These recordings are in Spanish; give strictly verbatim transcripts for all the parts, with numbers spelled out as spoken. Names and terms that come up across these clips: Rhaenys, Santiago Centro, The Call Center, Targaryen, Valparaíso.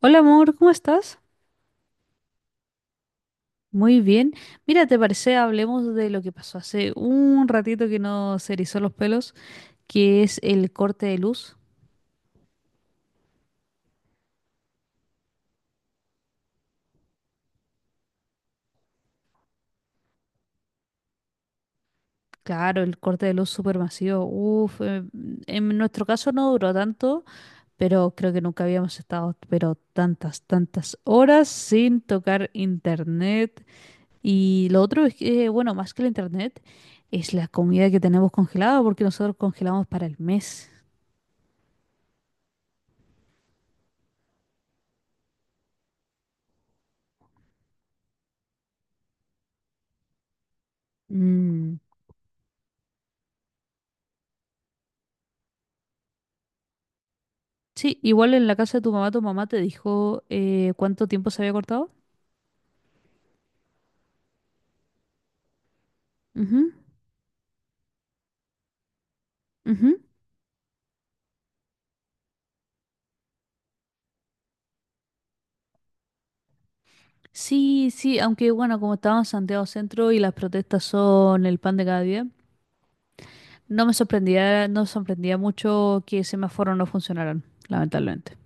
Hola amor, ¿cómo estás? Muy bien. Mira, ¿te parece? Hablemos de lo que pasó hace un ratito que nos erizó los pelos, que es el corte de luz. Claro, el corte de luz supermasivo. Uf, eh, en nuestro caso no duró tanto, pero creo que nunca habíamos estado, pero tantas, tantas horas sin tocar internet. Y lo otro es que, bueno, más que el internet, es la comida que tenemos congelada, porque nosotros congelamos para el mes. Mm. Sí, igual en la casa de tu mamá, tu mamá te dijo eh, cuánto tiempo se había cortado. Ujú, ujú. Sí, sí, aunque bueno, como estaba en Santiago Centro y las protestas son el pan de cada día, no me sorprendía, no sorprendía mucho que semáforos no funcionaran, lamentablemente.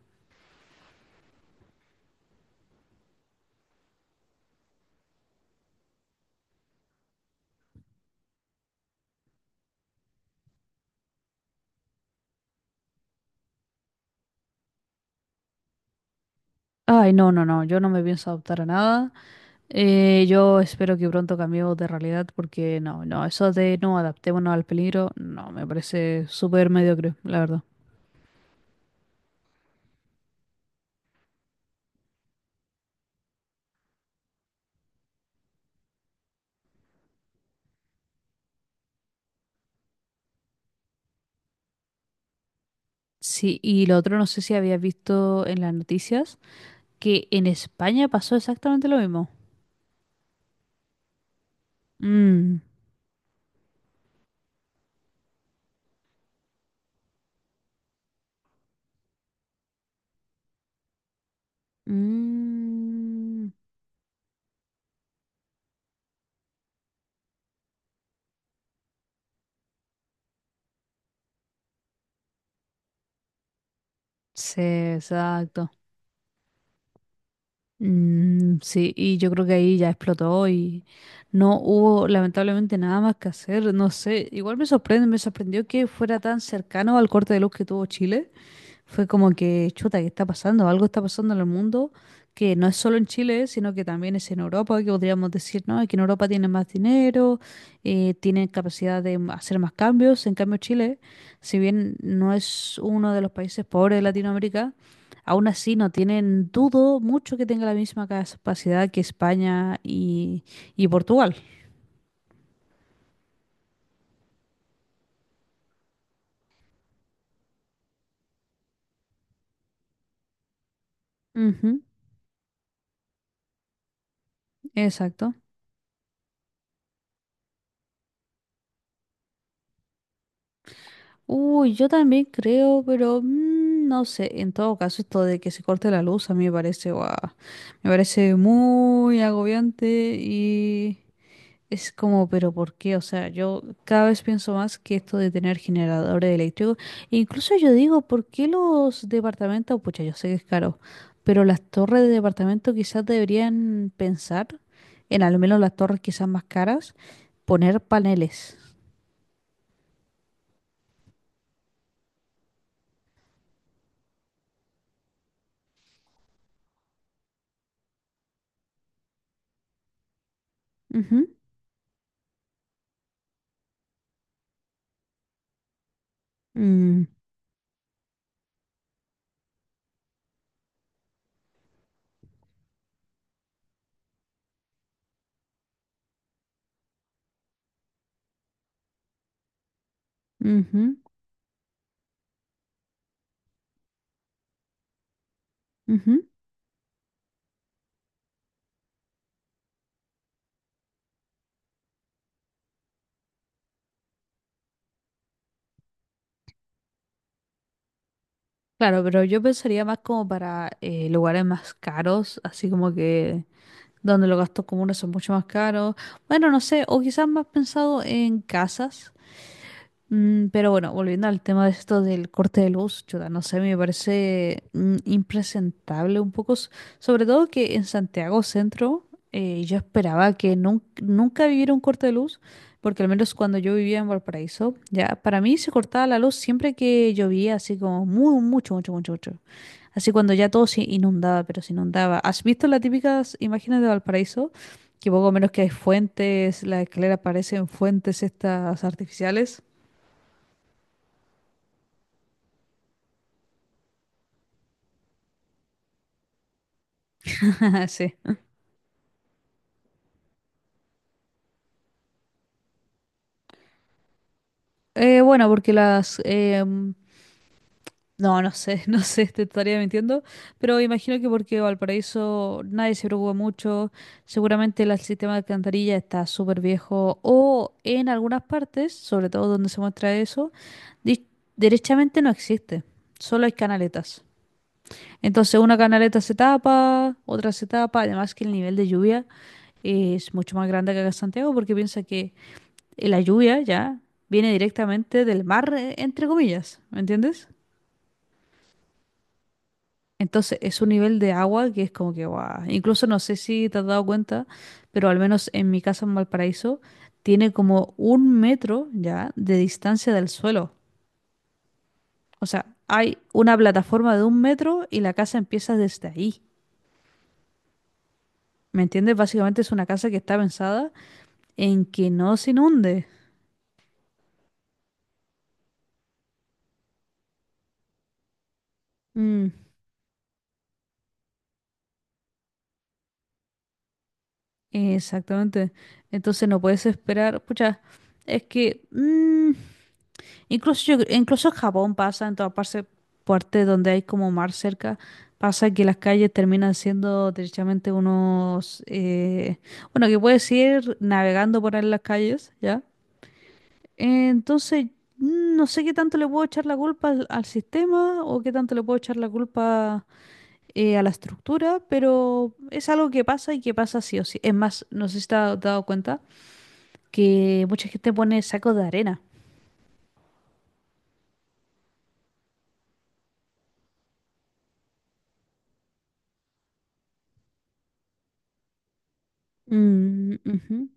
Ay, no, no, no, yo no me pienso adoptar a nada. Eh, yo espero que pronto cambiemos de realidad porque no, no, eso de no adaptémonos al peligro, no, me parece súper mediocre, la verdad. Sí, y lo otro no sé si habías visto en las noticias, que en España pasó exactamente lo mismo. Mm. Mm. Sí, exacto. Mm, sí, y yo creo que ahí ya explotó y no hubo lamentablemente nada más que hacer, no sé, igual me sorprende, me sorprendió que fuera tan cercano al corte de luz que tuvo Chile, fue como que, chuta, ¿qué está pasando? Algo está pasando en el mundo que no es solo en Chile, sino que también es en Europa, que podríamos decir, no, es que en Europa tienen más dinero, eh, tienen capacidad de m- hacer más cambios, en cambio Chile, si bien no es uno de los países pobres de Latinoamérica, aún así, no tienen, dudo mucho que tenga la misma capacidad que España y, y Portugal. Ujú, exacto. Uy, yo también creo, pero mm, no sé. En todo caso, esto de que se corte la luz a mí me parece, guau, me parece muy agobiante. Y Es como, pero ¿por qué? O sea, yo cada vez pienso más que esto de tener generadores eléctricos. E incluso yo digo, ¿por qué los departamentos? Pucha, yo sé que es caro, pero las torres de departamento quizás deberían pensar, en al menos las torres quizás más caras, poner paneles. Ujú, mm, ujú, ujú. Claro, pero yo pensaría más como para eh, lugares más caros, así como que donde los gastos comunes son mucho más caros. Bueno, no sé, o quizás más pensado en casas. Mm, pero bueno, volviendo al tema de esto del corte de luz, chuta, no sé, me parece mm, impresentable un poco, s- sobre todo que en Santiago Centro eh, yo esperaba que nun- nunca viviera un corte de luz, porque al menos cuando yo vivía en Valparaíso, ya para mí se cortaba la luz siempre que llovía, así como muy, mucho, mucho, mucho, mucho. Así cuando ya todo se inundaba, pero se inundaba. ¿Has visto las típicas imágenes de Valparaíso? Que poco menos que hay fuentes, las escaleras parecen fuentes estas artificiales. Sí. Eh, bueno, porque las em, no, no sé, no sé, te estaría mintiendo, pero imagino que porque Valparaíso nadie se preocupa mucho, seguramente el sistema de alcantarilla está súper viejo o en algunas partes, sobre todo donde se muestra eso, di- derechamente no existe, solo hay canaletas. Entonces una canaleta se tapa, otra se tapa, además que el nivel de lluvia es mucho más grande que acá en Santiago porque piensa que y la lluvia ya viene directamente del mar, eh, entre comillas, ¿me entiendes? Entonces es un nivel de agua que es como que, guau. Incluso no sé si te has dado cuenta, pero al menos en mi casa en Valparaíso tiene como un metro ya de distancia del suelo. O sea, hay una plataforma de un metro y la casa empieza desde ahí. ¿Me entiendes? Básicamente es una casa que está pensada en que no se inunde. Mm, exactamente. Entonces no puedes esperar, pucha, es que mm, incluso yo, incluso en Japón pasa, en toda parte, parte donde hay como mar cerca, pasa que las calles terminan siendo derechamente unos, eh, bueno, que puedes ir navegando por ahí en las calles, ¿ya? Entonces, mm, no sé qué tanto le puedo echar la culpa al, al sistema o qué tanto le puedo echar la culpa eh, a la estructura, pero es algo que pasa y que pasa sí o sí. Es más, no sé si te has dado cuenta que mucha gente pone sacos de arena. Mm, ujú.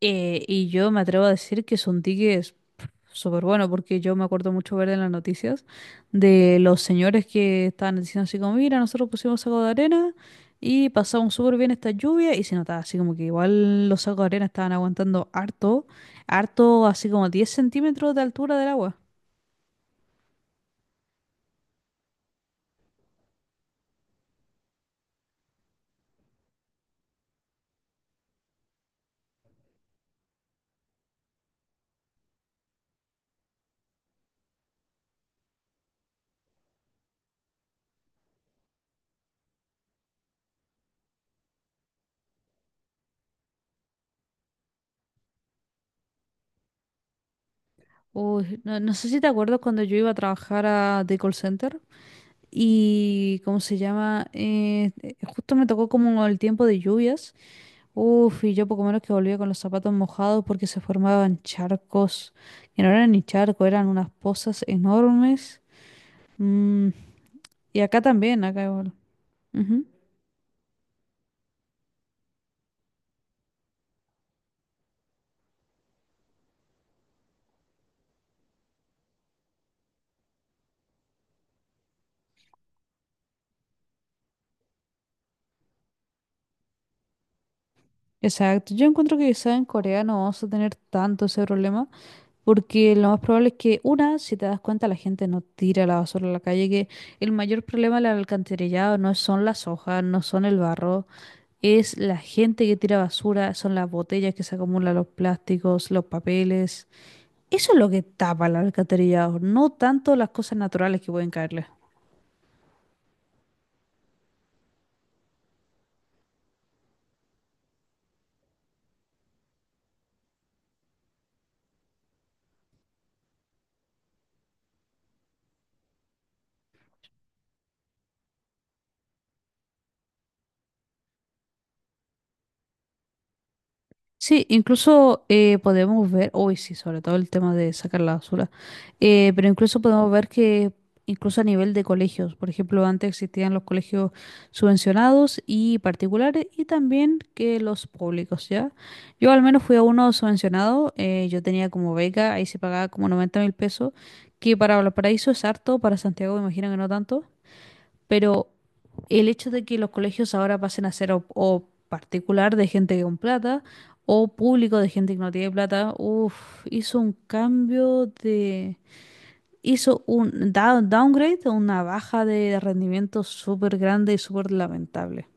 Eh, y yo me atrevo a decir que son tickets súper buenos, porque yo me acuerdo mucho ver en las noticias de los señores que estaban diciendo así como, mira, nosotros pusimos saco de arena y pasamos súper bien esta lluvia y se notaba así como que igual los sacos de arena estaban aguantando harto, harto así como diez centímetros de altura del agua. Uy, no, no sé si te acuerdas cuando yo iba a trabajar a The Call Center y, ¿cómo se llama? Eh, eh, justo me tocó como el tiempo de lluvias. Uf, y yo poco menos que volvía con los zapatos mojados porque se formaban charcos, que no eran ni charcos, eran unas pozas enormes. Mm, y acá también, acá igual. Ujú, exacto, yo encuentro que quizá en Corea no vamos a tener tanto ese problema, porque lo más probable es que, una, si te das cuenta, la gente no tira la basura a la calle, que el mayor problema del alcantarillado no son las hojas, no son el barro, es la gente que tira basura, son las botellas que se acumulan, los plásticos, los papeles. Eso es lo que tapa el alcantarillado, no tanto las cosas naturales que pueden caerle. Sí, incluso eh, podemos ver, hoy sí, sobre todo el tema de sacar la basura, eh, pero incluso podemos ver que incluso a nivel de colegios, por ejemplo, antes existían los colegios subvencionados y particulares y también que los públicos, ¿ya? Yo al menos fui a uno subvencionado, eh, yo tenía como beca, ahí se pagaba como noventa mil pesos, que para Valparaíso es harto, para Santiago me imagino que no tanto. Pero el hecho de que los colegios ahora pasen a ser o, o particular de gente con plata o público de gente que no tiene plata, uff, hizo un cambio de... hizo un down- downgrade, una baja de rendimiento súper grande y súper lamentable.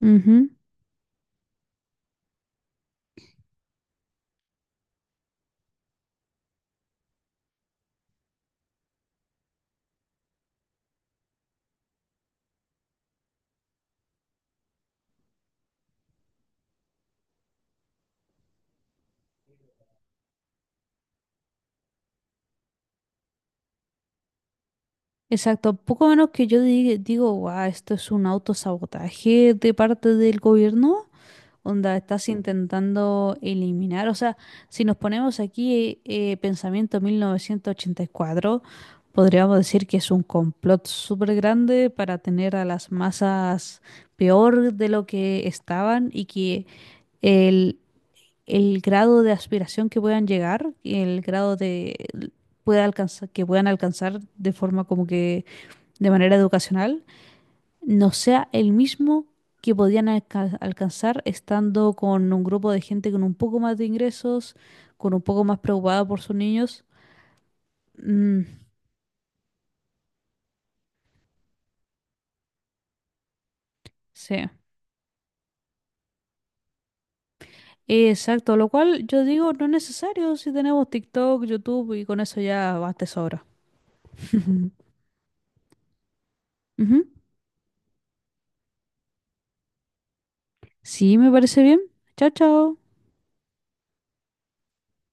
Ujú, exacto, poco menos que yo di- digo, guau, esto es un autosabotaje de parte del gobierno, onda, estás intentando eliminar, o sea, si nos ponemos aquí eh, pensamiento mil novecientos ochenta y cuatro, podríamos decir que es un complot súper grande para tener a las masas peor de lo que estaban y que el, el grado de aspiración que puedan llegar, el grado de pueda alcanzar, que puedan alcanzar de forma como que de manera educacional no sea el mismo que podían alca- alcanzar estando con un grupo de gente con un poco más de ingresos, con un poco más preocupada por sus niños. Mm, sí, exacto, lo cual yo digo no es necesario si tenemos TikTok, YouTube y con eso ya basta y sobra. Ujú. Sí, me parece bien. Chao, chao.